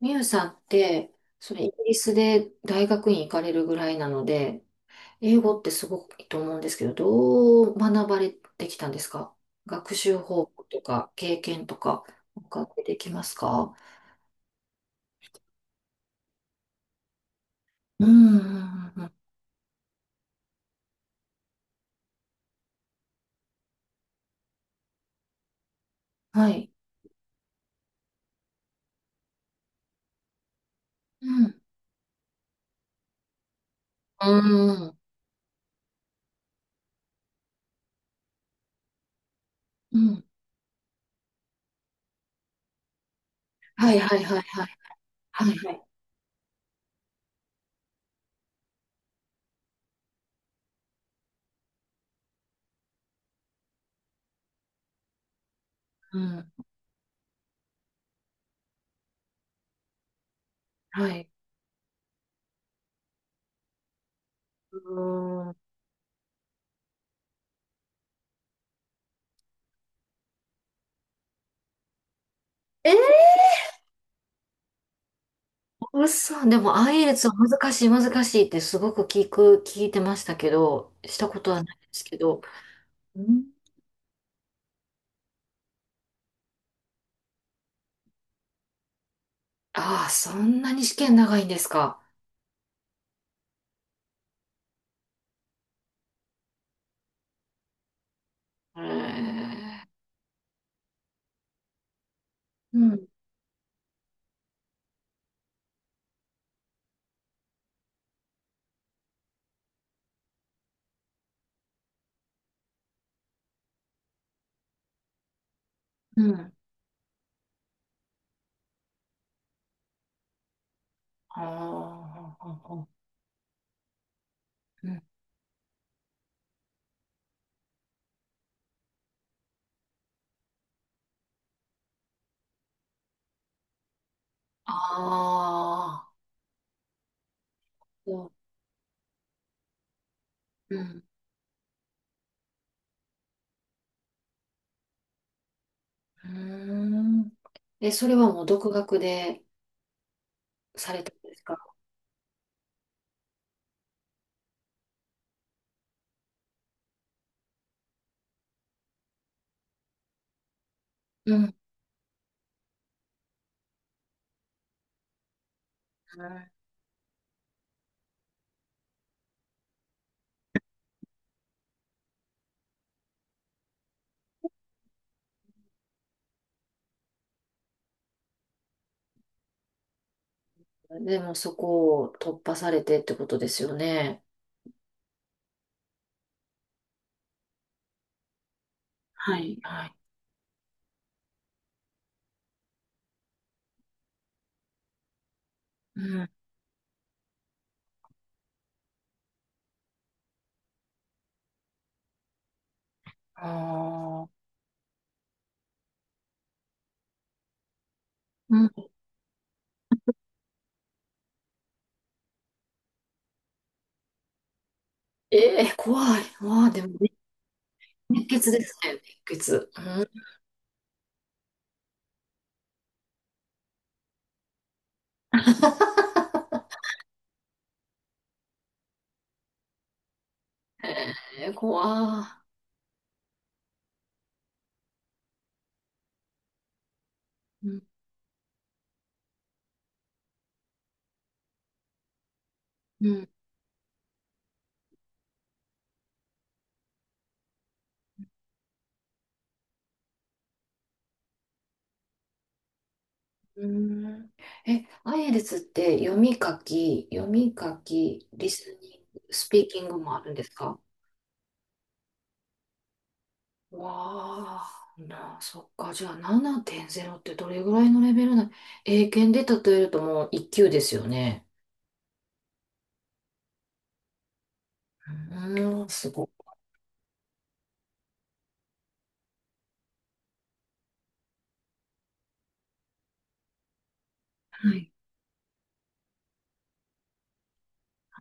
ミュウさんって、それイギリスで大学院行かれるぐらいなので、英語ってすごくいいと思うんですけど、どう学ばれてきたんですか？学習方法とか経験とか、お伺いできますか？うん、うん、うんうん。はい。うん、うん、うん。はいはいはいはい。はいはい。うん、はい。うん。えー、嘘。でも IELTS は難しい難しいってすごく聞いてましたけど、したことはないですけど。うん。ああ、そんなに試験長いんですか？へえ。うん、うん。ああ、うん。ああ、そうん、うん。うーん。え、それはもう独学でされたんですか？うん。うん。でもそこを突破されてってことですよね。はい、はい。うん。ああ、うん。ええ、怖い。わあ、でも、熱血ですね、熱血。うん。えー、怖い。うん、うん。うーん。え、アイエルツって読み書き、リスニング、スピーキングもあるんですか？わあ、な、そっか。じゃあ7.0ってどれぐらいのレベルな、英検で例えるともう1級ですよね。うーん、すごい。はい。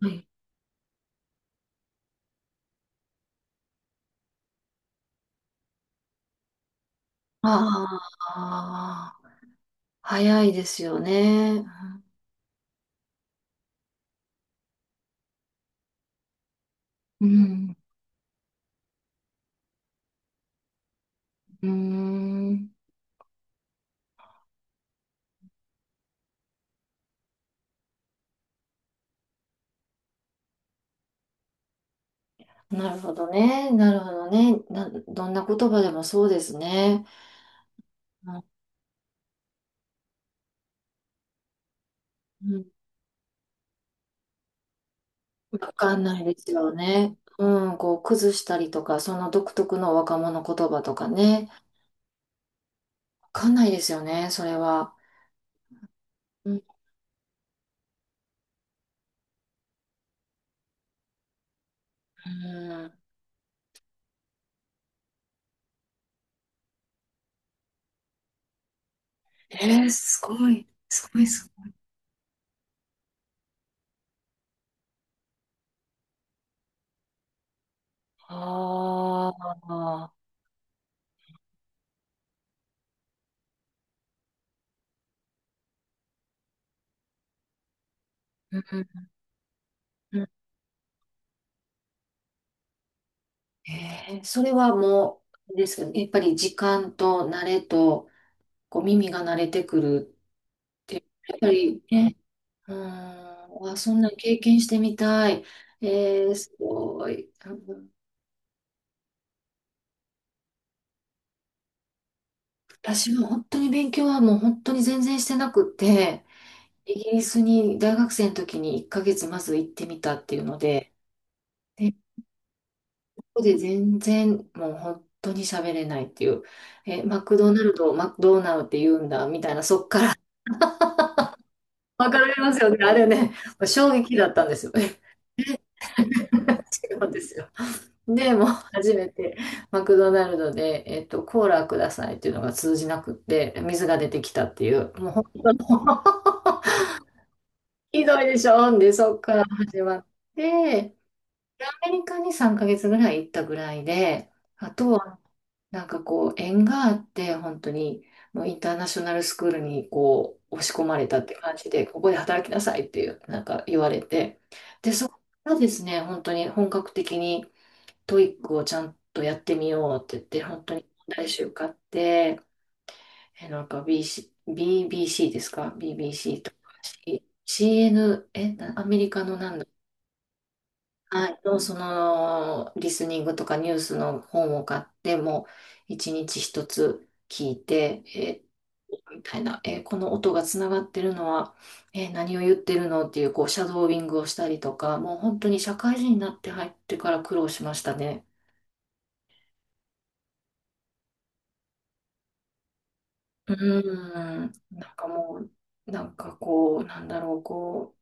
はい。ああ、早いですよね。うん。うん。なるほどね。なるほどね。な、どんな言葉でもそうですね。わかんないですよね。うん、こう、崩したりとか、その独特の若者言葉とかね。わかんないですよね、それは。うん。うん。えー、すごい。すごいすごい。ああ。うんうんうん。それはもう、あれですけど、やっぱり時間と慣れと、こう、耳が慣れてくるって、やっぱりね、うん、わ、そんなん経験してみたい。えー、すごい。うん。私も本当に勉強はもう本当に全然してなくって、イギリスに大学生の時に1ヶ月まず行ってみたっていうので、で、ここで全然もう本当に喋れないっていう、え、マクドナルドをマクドーナルって言うんだみたいな、そっから わかりますよね。あれね、衝撃だったんですよね。違うんですよ。で、もう初めてマクドナルドで、コーラくださいっていうのが通じなくって、水が出てきたっていう、もう本当の ひどいでしょ？で、そっから始まって、アメリカに3ヶ月ぐらい行ったぐらいで、あとは、なんかこう、縁があって、本当に、もうインターナショナルスクールにこう、押し込まれたって感じで、ここで働きなさいっていう、なんか言われて、で、そこからですね、本当に本格的に、トイックをちゃんとやってみようって言って、本当に来週受って、え、なんか BC、BBC ですか？ BBC とか C- CN、え、なアメリカのなん。はい、とそのリスニングとかニュースの本を買ってもう一日一つ聞いて、みたいな、この音がつながってるのは、何を言ってるのっていうこうシャドーイングをしたりとかもう本当に社会人になって入ってから苦労しましたね。うーん、なんかもう、なんかこう、なんだろう、こ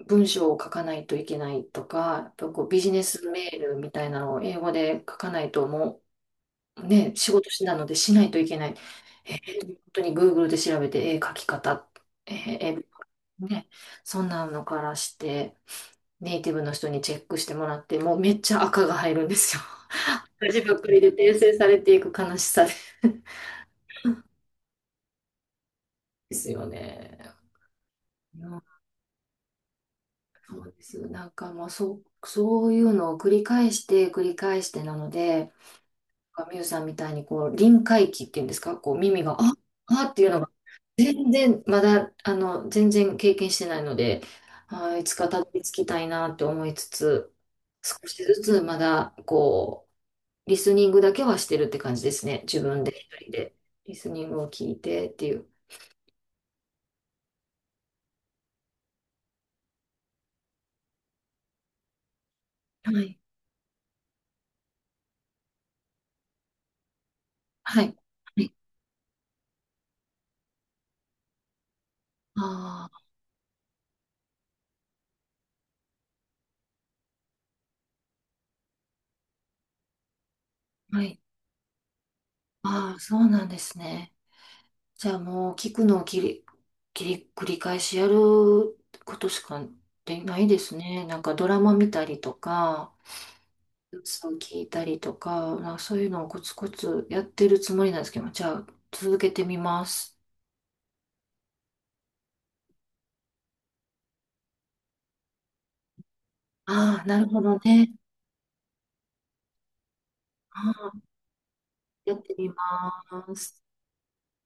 う、文章を書かないといけないとか、やっぱこうビジネスメールみたいなのを英語で書かないともね、仕事しなのでしないといけない。えー本当に Google で調べて、書き方、えーえね、そんなのからして、ネイティブの人にチェックしてもらって、もうめっちゃ赤が入るんですよ。字ばっかりで訂正されていく悲しさで。ですよね。いや、そうです。なんかもうそう、そういうのを繰り返して繰り返してなので、なんかミュウさんみたいにこう臨界期っていうんですか、こう耳が、ああっていうのが全然、まだ、全然経験してないので、あー、いつかたどり着きたいなって思いつつ、少しずつまだ、こう、リスニングだけはしてるって感じですね。自分で一人で、リスニングを聞いてっていう。はい。はい。はい。ああ、はい。ああ、そうなんですね。じゃあもう、聞くのを切り、繰り返しやることしかできないですね。なんかドラマ見たりとか、そう聞いたりとか、まあ、そういうのをコツコツやってるつもりなんですけど、じゃあ続けてみます。ああ、なるほどね。ああ、やってみます。